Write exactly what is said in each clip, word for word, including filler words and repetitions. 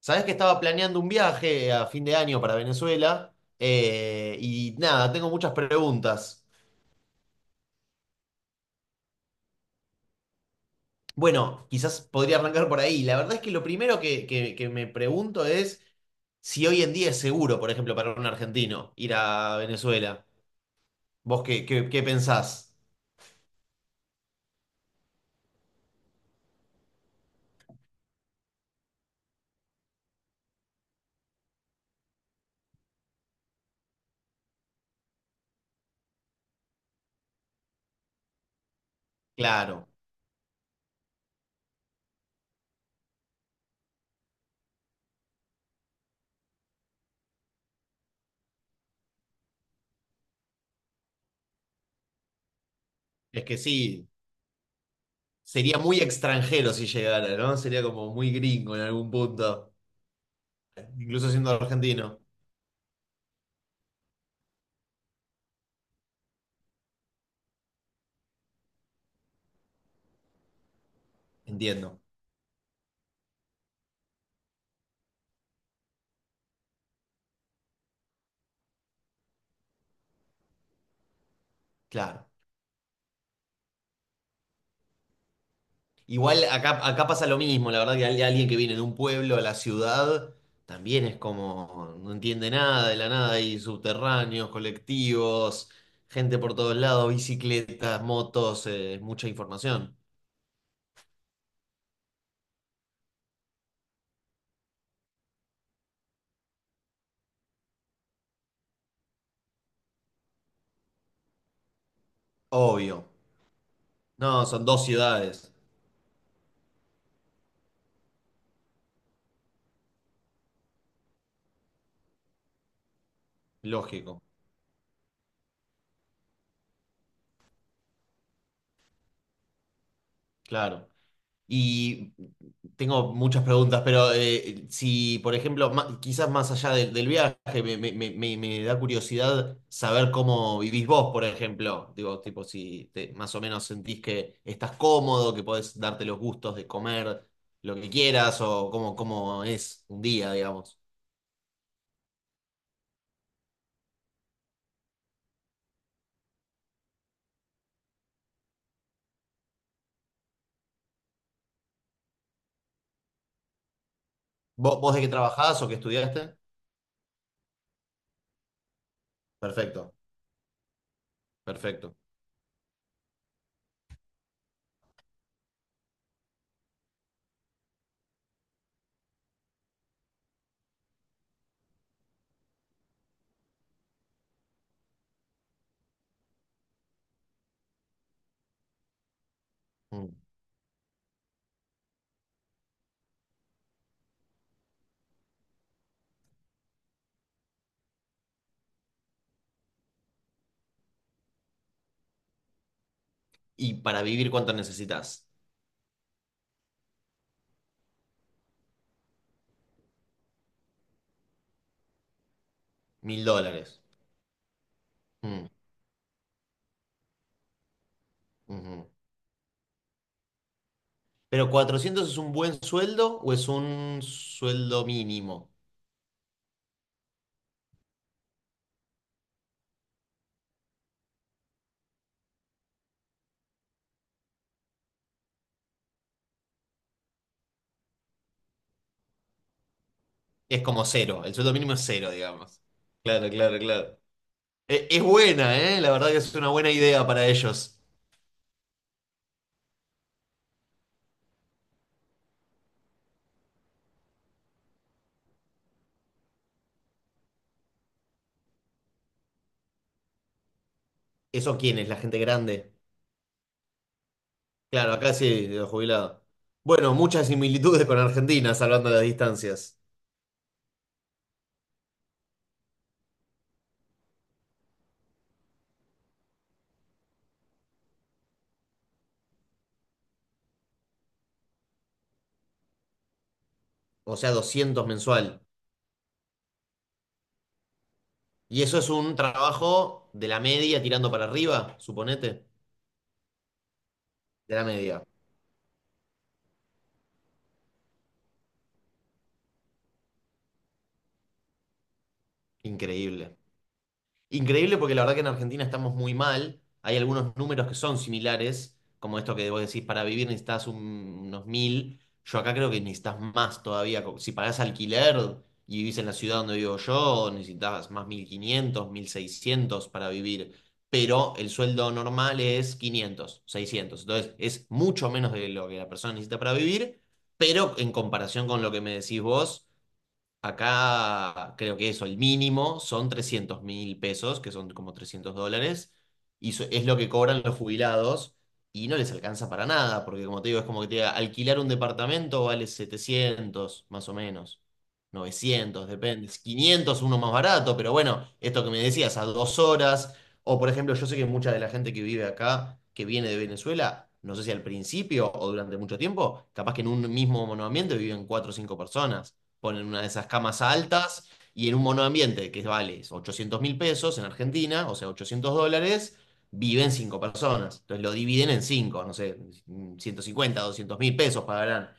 Sabés que estaba planeando un viaje a fin de año para Venezuela eh, y nada, tengo muchas preguntas. Bueno, quizás podría arrancar por ahí. La verdad es que lo primero que, que- que me pregunto es si hoy en día es seguro, por ejemplo, para un argentino ir a Venezuela. ¿Vos qué, qué, qué pensás? Claro, es que sí, sería muy extranjero si llegara, ¿no? Sería como muy gringo en algún punto, incluso siendo argentino. Entiendo, claro. Igual acá, acá pasa lo mismo, la verdad que al- alguien que viene de un pueblo a la ciudad también es como, no entiende nada de la nada, hay subterráneos, colectivos, gente por todos lados, bicicletas, motos, eh, mucha información. Obvio. No, son dos ciudades, lógico, claro. Y tengo muchas preguntas, pero eh, si, por ejemplo, ma- quizás más allá del del viaje, me, me- me- me- me da curiosidad saber cómo vivís vos, por ejemplo. Digo, tipo, si te- más o menos sentís que estás cómodo, que podés darte los gustos de comer lo que quieras, o cómo, cómo es un día, digamos. ¿Vos, vos de qué trabajás o qué estudiaste? Perfecto, perfecto. Mm. ¿Y para vivir cuánto necesitas? Mil dólares. Mm, ujú. ¿Pero cuatrocientos es un buen sueldo o es un sueldo mínimo? Es como cero, el sueldo mínimo es cero, digamos. Claro, claro, claro. E- Es, buena, ¿eh? La verdad que es una buena idea para ellos. ¿Eso quién es? ¿La gente grande? Claro, acá sí, los jubilados. Bueno, muchas similitudes con Argentina, salvando las distancias. O sea, doscientos mensual. Y eso es un trabajo de la media tirando para arriba, suponete. De la media. Increíble. Increíble porque la verdad que en Argentina estamos muy mal. Hay algunos números que son similares, como esto que vos decís, para vivir necesitas un- unos mil. Yo acá creo que necesitas más todavía. Co- Si pagás alquiler y vivís en la ciudad donde vivo yo, necesitas más mil quinientos, mil seiscientos para vivir. Pero el sueldo normal es quinientos, seiscientos. Entonces es mucho menos de lo que la persona necesita para vivir, pero en comparación con lo que me decís vos. Acá creo que eso, el mínimo son trescientos mil pesos, que son como trescientos dólares, y so- es lo que cobran los jubilados y no les alcanza para nada, porque como te digo, es como que te diga, alquilar un departamento vale setecientos más o menos, novecientos depende, quinientos uno más barato, pero bueno, esto que me decías, a dos horas, o por ejemplo, yo sé que mucha de la gente que vive acá, que viene de Venezuela, no sé si al principio o durante mucho tiempo, capaz que en un mismo monoambiente viven cuatro o cinco personas, ponen una de esas camas altas y en un monoambiente que vale ochocientos mil pesos en Argentina, o sea, ochocientos dólares, viven cinco personas. Entonces lo dividen en cinco, no sé, ciento cincuenta, doscientos mil pesos pagarán.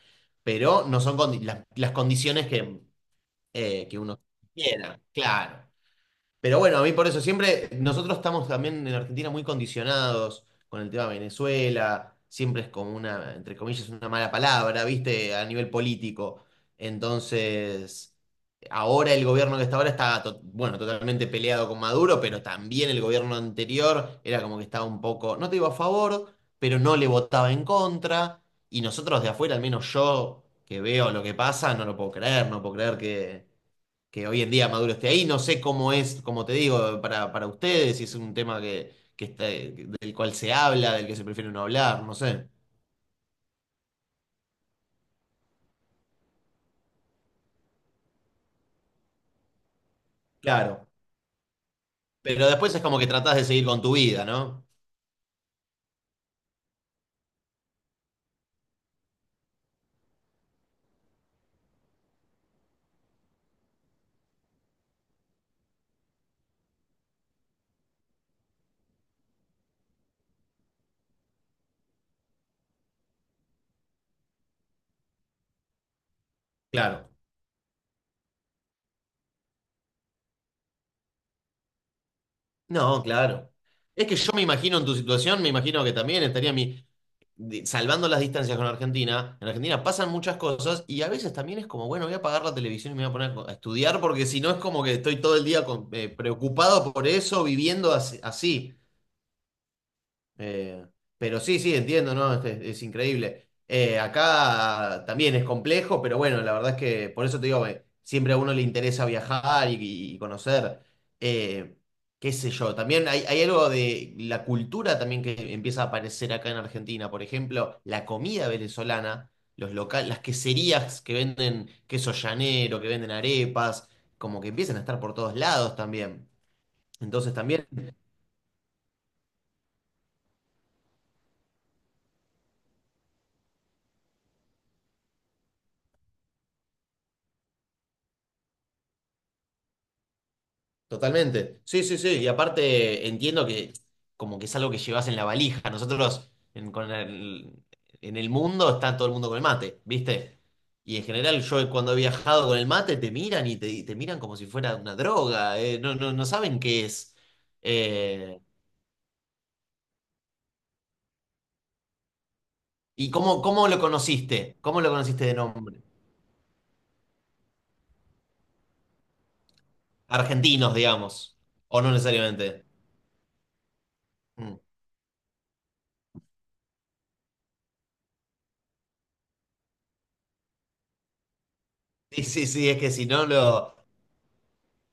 Pero no son condi- las, las condiciones que, eh, que uno quiera, claro. Pero bueno, a mí por eso siempre, nosotros estamos también en Argentina muy condicionados con el tema de Venezuela, siempre es como una, entre comillas, una mala palabra, ¿viste? A nivel político. Entonces, ahora el gobierno que está ahora está, to- bueno, totalmente peleado con Maduro, pero también el gobierno anterior era como que estaba un poco, no te iba a favor, pero no le votaba en contra. Y nosotros de afuera, al menos yo que veo lo que pasa, no lo puedo creer, no puedo creer que hoy en día Maduro esté ahí. No sé cómo es, como te digo, para, para ustedes, si es un tema que, que está, del cual se habla, del que se prefiere no hablar, no sé. Claro. Pero después es como que tratás de seguir con tu vida, ¿no? Claro. No, claro. Es que yo me imagino en tu situación, me imagino que también estaría mi, de- salvando las distancias con Argentina. En Argentina pasan muchas cosas y a veces también es como, bueno, voy a apagar la televisión y me voy a poner a estudiar porque si no es como que estoy todo el día con- eh, preocupado por eso, viviendo así. así. Eh, pero sí, sí, entiendo, ¿no? Es, es- es increíble. Eh, acá también es complejo, pero bueno, la verdad es que por eso te digo, eh, siempre a uno le interesa viajar y, y conocer, eh, qué sé yo. También hay, hay algo de la cultura también que empieza a aparecer acá en Argentina. Por ejemplo, la comida venezolana, los locales, las queserías que venden queso llanero, que venden arepas, como que empiezan a estar por todos lados también. Entonces también totalmente. Sí, sí, sí. Y aparte entiendo que como que es algo que llevas en la valija. Nosotros en, con el, en el mundo está todo el mundo con el mate, ¿viste? Y en general yo cuando he viajado con el mate te miran y te, y te miran como si fuera una droga. Eh, no, no, no saben qué es. Eh, ¿y cómo, cómo lo conociste? ¿Cómo lo conociste de nombre? Argentinos, digamos. O no necesariamente. Mm. Sí, sí, sí. Es que si no lo...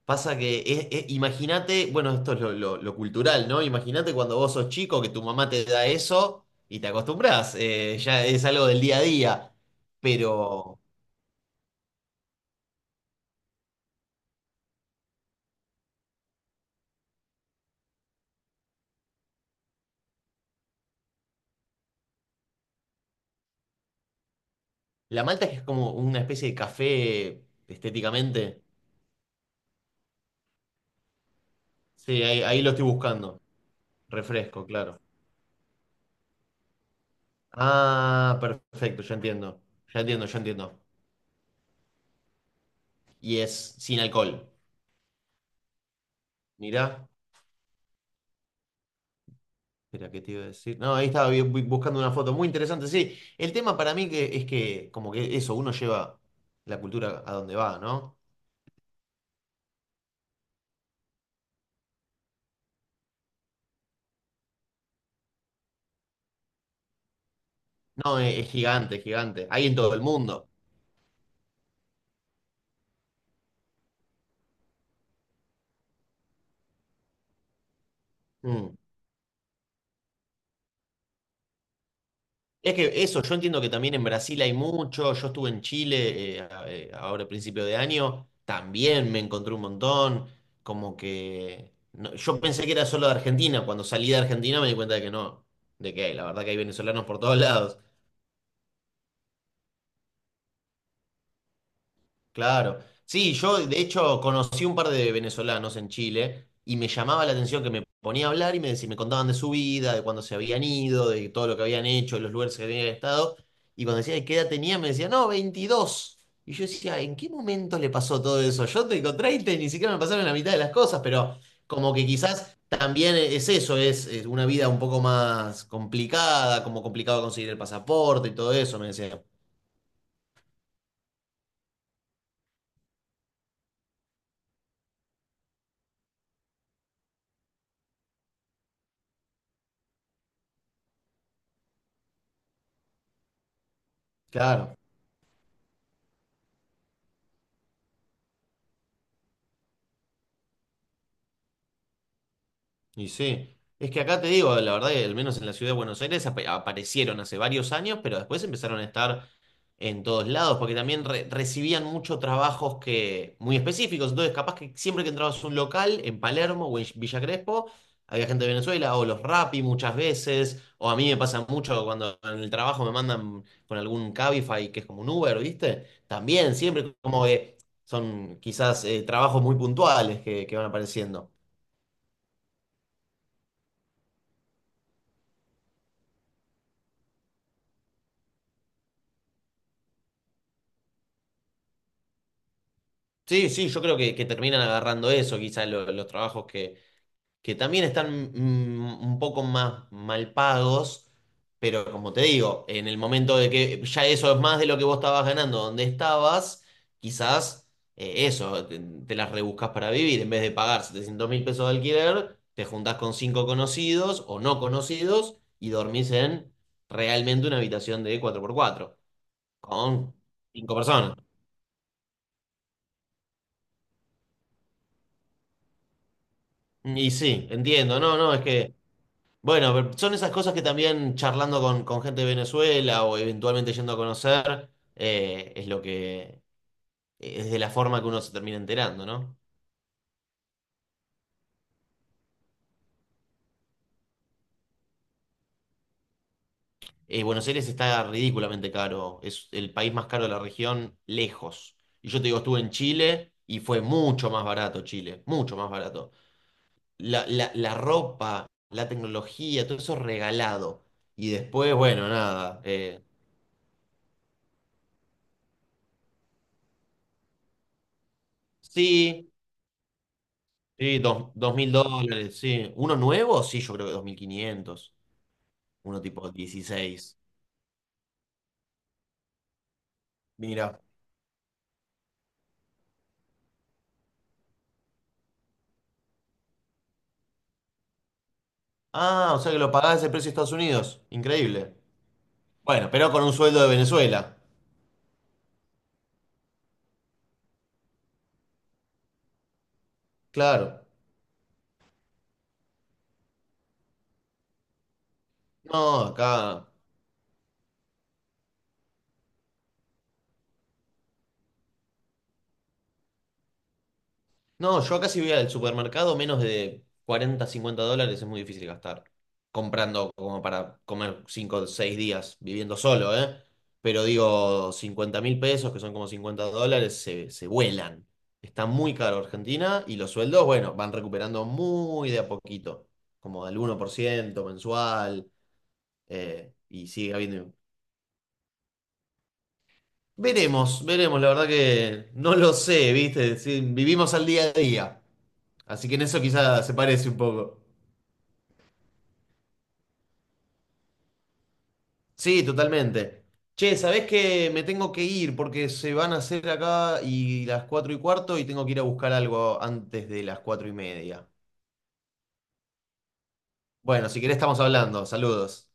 Pasa que, es- es- imagínate, bueno, esto es lo, lo- lo cultural, ¿no? Imagínate cuando vos sos chico que tu mamá te da eso y te acostumbras, eh, ya es algo del día a día. Pero la malta es que es como una especie de café estéticamente. Sí, ahí, ahí lo estoy buscando. Refresco, claro. Ah, perfecto, ya entiendo. Ya entiendo, ya entiendo. Y es sin alcohol. Mirá. Espera, ¿qué te iba a decir? No, ahí estaba vi- bu- buscando una foto muy interesante. Sí, el tema para mí que es que, como que eso, uno lleva la cultura a donde va, ¿no? No, es- es gigante, es gigante. Hay en todo el mundo. Mm. Es que eso, yo entiendo que también en Brasil hay mucho. Yo estuve en Chile eh, a- eh, ahora a principio de año, también me encontré un montón. Como que no- yo pensé que era solo de Argentina. Cuando salí de Argentina me di cuenta de que no, de que hay, la verdad que hay venezolanos por todos lados. Claro. Sí, yo de hecho conocí un par de venezolanos en Chile y me llamaba la atención que me ponía a hablar y me, decí- me contaban de su vida, de cuándo se habían ido, de todo lo que habían hecho, de los lugares que habían estado. Y cuando decía, ¿qué edad tenía? Me decía, no, veintidós. Y yo decía, ¿en qué momento le pasó todo eso? Yo tengo treinta y ni siquiera me pasaron la mitad de las cosas, pero como que quizás también es eso, es, es una vida un poco más complicada, como complicado conseguir el pasaporte y todo eso, me decía. Claro. Y sí, es que acá te digo, la verdad que al menos en la ciudad de Buenos Aires apa- aparecieron hace varios años, pero después empezaron a estar en todos lados, porque también re- recibían muchos trabajos que, muy específicos. Entonces, capaz que siempre que entrabas a un local en Palermo o en Villa Crespo, había gente de Venezuela, o los Rappi muchas veces, o a mí me pasa mucho cuando en el trabajo me mandan con algún Cabify, que es como un Uber, ¿viste? También, siempre como que son quizás eh, trabajos muy puntuales que que van apareciendo. Sí, sí, yo creo que, que terminan agarrando eso, quizás lo- los trabajos que, que también están mm, un poco más mal pagos, pero como te digo, en el momento de que ya eso es más de lo que vos estabas ganando donde estabas, quizás eh, eso, te, te las rebuscas para vivir, en vez de pagar setecientos mil pesos de alquiler, te juntás con cinco conocidos o no conocidos y dormís en realmente una habitación de cuatro por cuatro con cinco personas. Y sí, entiendo, no, no, es que... Bueno, pero son esas cosas que también charlando con, con gente de Venezuela o eventualmente yendo a conocer, eh, es lo que, es de la forma que uno se termina enterando, ¿no? Eh, Buenos Aires está ridículamente caro, es el país más caro de la región, lejos. Y yo te digo, estuve en Chile y fue mucho más barato Chile, mucho más barato. La, la, la ropa, la tecnología, todo eso regalado. Y después, bueno, nada. Eh, sí. Sí, dos, dos mil dólares, sí. ¿Uno nuevo? Sí, yo creo que dos mil quinientos. Uno tipo dieciséis. Mira. Ah, o sea que lo pagás ese precio de Estados Unidos. Increíble. Bueno, pero con un sueldo de Venezuela. Claro. No, acá. No, yo acá si voy al supermercado, menos de cuarenta cincuenta dólares es muy difícil gastar. Comprando como para comer cinco o seis días viviendo solo, ¿eh? Pero digo, cincuenta mil pesos, que son como cincuenta dólares, se, se vuelan. Está muy caro Argentina y los sueldos, bueno, van recuperando muy de a poquito, como al uno por ciento mensual, eh, y sigue habiendo... Veremos, veremos, la verdad que no lo sé, ¿viste? Sí, vivimos al día a día, así que en eso quizás se parece un poco. Sí, totalmente. Che, ¿sabés que me tengo que ir porque se van a hacer acá y las cuatro y cuarto y tengo que ir a buscar algo antes de las cuatro y media? Bueno, si querés estamos hablando. Saludos.